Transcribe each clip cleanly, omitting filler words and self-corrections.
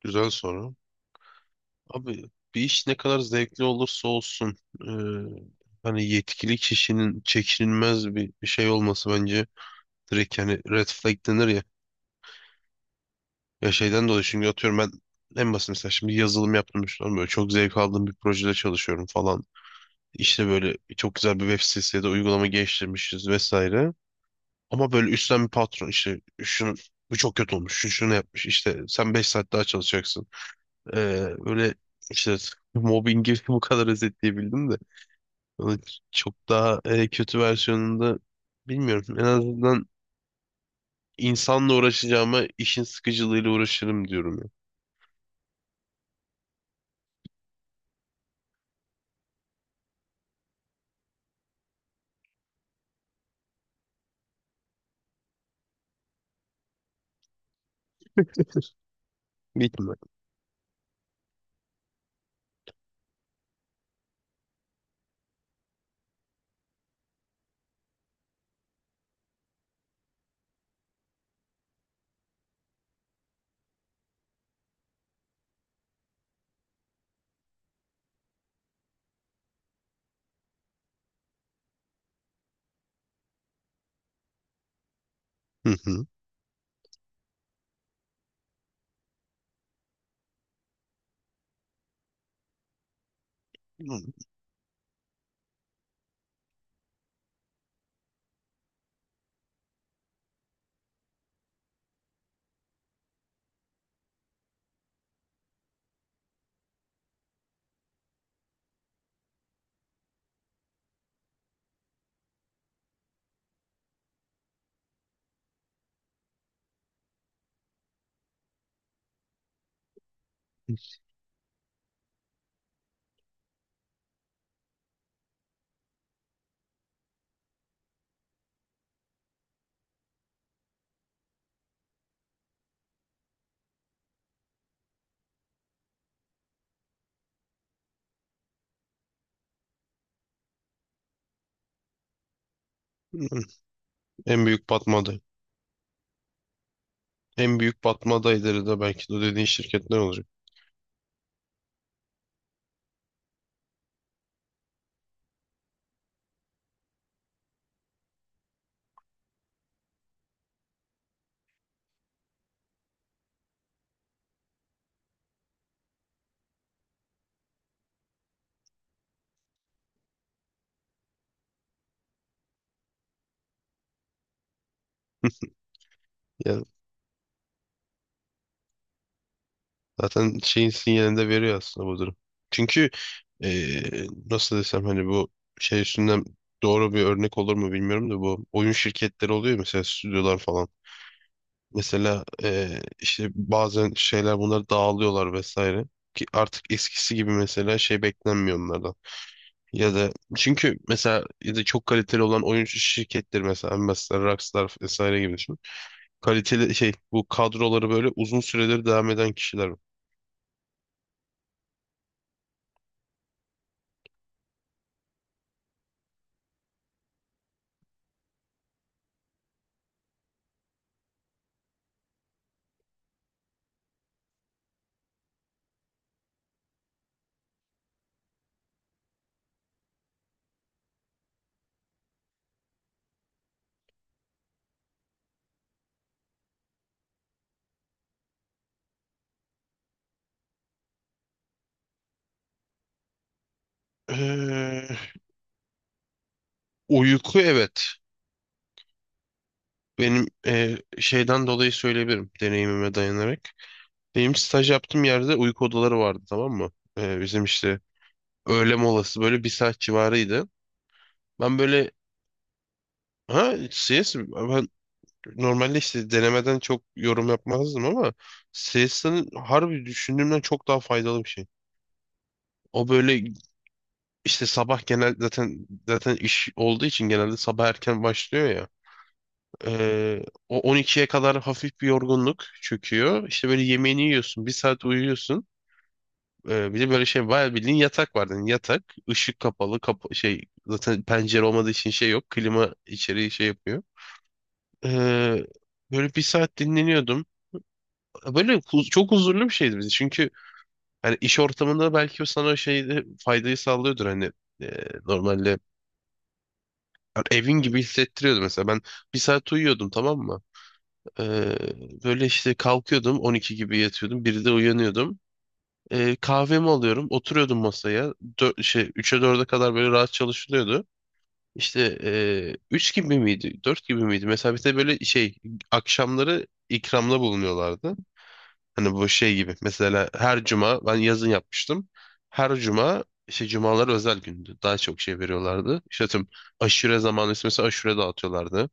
Güzel soru. Abi bir iş ne kadar zevkli olursa olsun e, hani yetkili kişinin çekinilmez bir şey olması bence direkt yani red flag denir ya. Ya şeyden dolayı çünkü atıyorum ben en basit mesela şimdi yazılım yaptım düşünüyorum böyle çok zevk aldığım bir projede çalışıyorum falan. İşte böyle çok güzel bir web sitesi ya da uygulama geliştirmişiz vesaire. Ama böyle üstten bir patron işte şunu bu çok kötü olmuş, şu şunu yapmış işte sen 5 saat daha çalışacaksın. Ee, öyle işte mobbingi bu kadar özetleyebildim de. Onun çok daha kötü versiyonunda bilmiyorum. En azından insanla uğraşacağıma işin sıkıcılığıyla uğraşırım diyorum ya. Bitme. Hı hı. Hı. En büyük batmaday. En büyük batmadayları da belki de dediğin şirketler olacak. Ya zaten şeyin sinyalini de veriyor aslında bu durum. Çünkü nasıl desem hani bu şey üstünden doğru bir örnek olur mu bilmiyorum da bu oyun şirketleri oluyor mesela stüdyolar falan. Mesela işte bazen şeyler bunları dağılıyorlar vesaire. Ki artık eskisi gibi mesela şey beklenmiyor onlardan. Ya da çünkü mesela ya da çok kaliteli olan oyun şirketleri mesela Rockstar vesaire gibi düşün. Kaliteli şey bu kadroları böyle uzun süredir devam eden kişiler. Eee, Uyku evet. Benim şeyden dolayı söyleyebilirim deneyimime dayanarak. Benim staj yaptığım yerde uyku odaları vardı tamam mı? Bizim işte öğle molası böyle bir saat civarıydı. Ben böyle ha CS ben normalde işte denemeden çok yorum yapmazdım ama CS'nin harbi düşündüğümden çok daha faydalı bir şey. O böyle işte sabah genel zaten iş olduğu için genelde sabah erken başlıyor ya. Ee, o 12'ye kadar hafif bir yorgunluk çöküyor. İşte böyle yemeğini yiyorsun, bir saat uyuyorsun. Bir de böyle şey bayağı bildiğin yatak vardı. Yani yatak, ışık kapalı, kapa şey zaten pencere olmadığı için şey yok. Klima içeriği şey yapıyor. Ee, böyle bir saat dinleniyordum. Böyle çok huzurlu bir şeydi bizi. Çünkü hani iş ortamında belki o sana o şeyde faydayı sağlıyordur hani e, normalde. Yani evin gibi hissettiriyordu mesela. Ben bir saat uyuyordum tamam mı? Ee, böyle işte kalkıyordum 12 gibi yatıyordum 1'de uyanıyordum. Kahvemi alıyordum oturuyordum masaya. 3'e 4'e kadar böyle rahat çalışılıyordu. İşte 3 gibi miydi 4 gibi miydi? Mesela bir de böyle şey akşamları ikramda bulunuyorlardı. Hani bu şey gibi mesela her cuma ben yazın yapmıştım. Her cuma işte cumalar özel gündü. Daha çok şey veriyorlardı. İşte tüm aşure zamanı mesela aşure dağıtıyorlardı.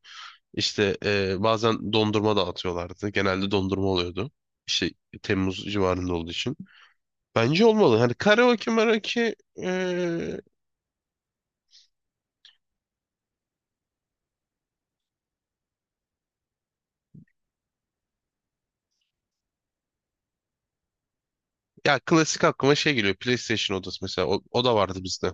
İşte bazen dondurma dağıtıyorlardı. Genelde dondurma oluyordu. İşte Temmuz civarında olduğu için. Bence olmalı. Hani karaoke maraoke e, ya klasik aklıma şey geliyor. PlayStation odası mesela. O, o da vardı bizde.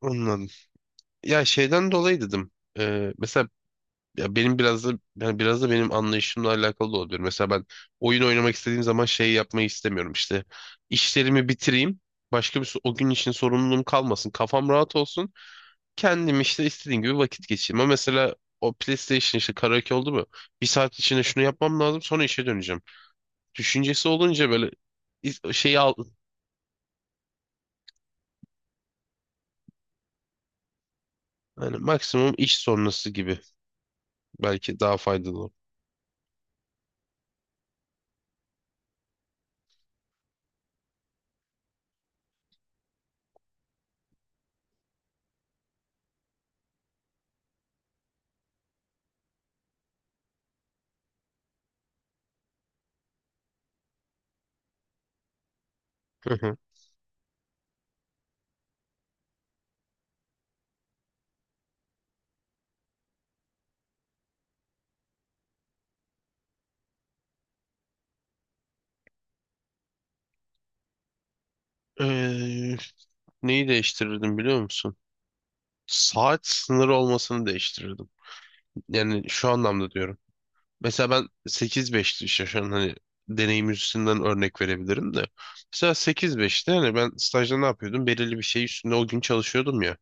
Anladım. Ya şeyden dolayı dedim. Mesela ya benim biraz da yani biraz da benim anlayışımla alakalı da olabilir. Mesela ben oyun oynamak istediğim zaman şey yapmayı istemiyorum işte. İşlerimi bitireyim. Başka bir o gün için sorumluluğum kalmasın. Kafam rahat olsun. Kendim işte istediğim gibi vakit geçireyim. Ama mesela o PlayStation işte karaoke oldu mu? Bir saat içinde şunu yapmam lazım sonra işe döneceğim. Düşüncesi olunca böyle şeyi al yani maksimum iş sonrası gibi belki daha faydalı olur. Hı hı. Ee, neyi değiştirirdim biliyor musun? Saat sınırı olmasını değiştirirdim. Yani şu anlamda diyorum. Mesela ben sekiz 5'ti işte şu an hani deneyim üstünden örnek verebilirim de. Mesela sekiz 5'te hani ben stajda ne yapıyordum? Belirli bir şey üstünde o gün çalışıyordum ya.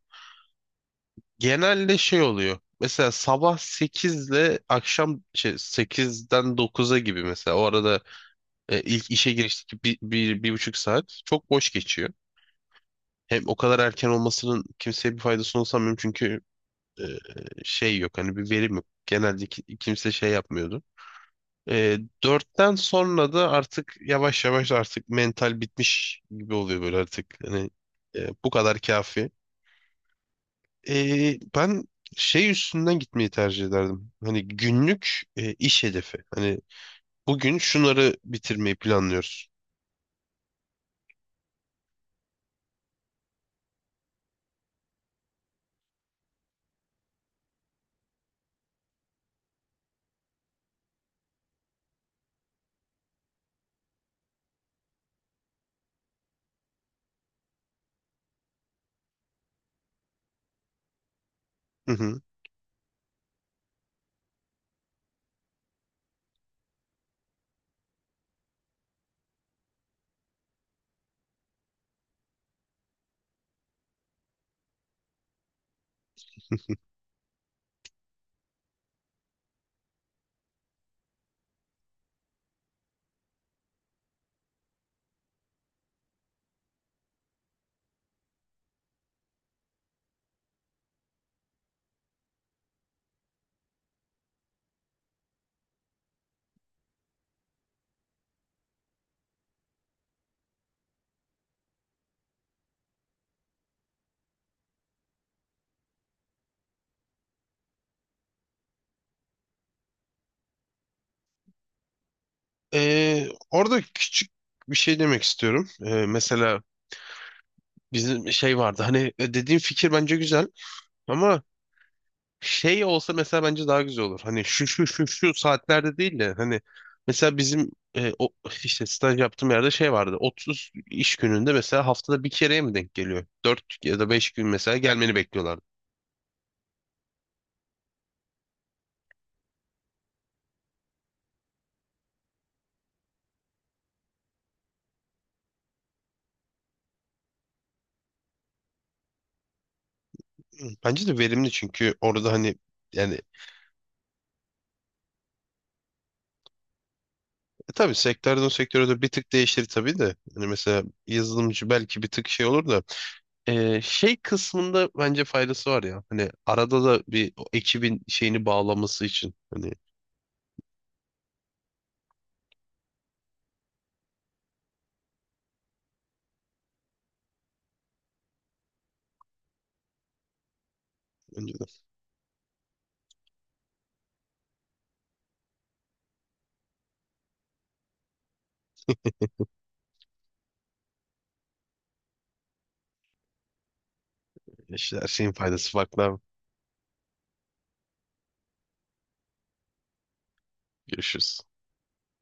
Genelde şey oluyor. Mesela sabah 8 ile akşam şey, 8'den 9'a gibi mesela. O arada ilk işe girişteki 1,5 saat çok boş geçiyor. Hem o kadar erken olmasının kimseye bir faydasını sanmıyorum çünkü e, şey yok hani bir verim yok. Genelde kimse şey yapmıyordu. E, 4'ten sonra da artık yavaş yavaş artık mental bitmiş gibi oluyor böyle artık. Hani bu kadar kafi. Ben şey üstünden gitmeyi tercih ederdim. Hani günlük iş hedefi. Hani bugün şunları bitirmeyi planlıyoruz. Hı hı. Orada küçük bir şey demek istiyorum. Mesela bizim şey vardı. Hani dediğim fikir bence güzel ama şey olsa mesela bence daha güzel olur. Hani şu şu şu şu saatlerde değil de hani mesela bizim o işte staj yaptığım yerde şey vardı. 30 iş gününde mesela haftada bir kereye mi denk geliyor? 4 ya da 5 gün mesela gelmeni bekliyorlardı. Bence de verimli çünkü orada hani yani tabii sektörden sektöre de bir tık değişir tabii de. Hani mesela yazılımcı belki bir tık şey olur da şey kısmında bence faydası var ya. Hani arada da bir o ekibin şeyini bağlaması için. Hani bence de işte her şeyin faydası farklı abi. Görüşürüz.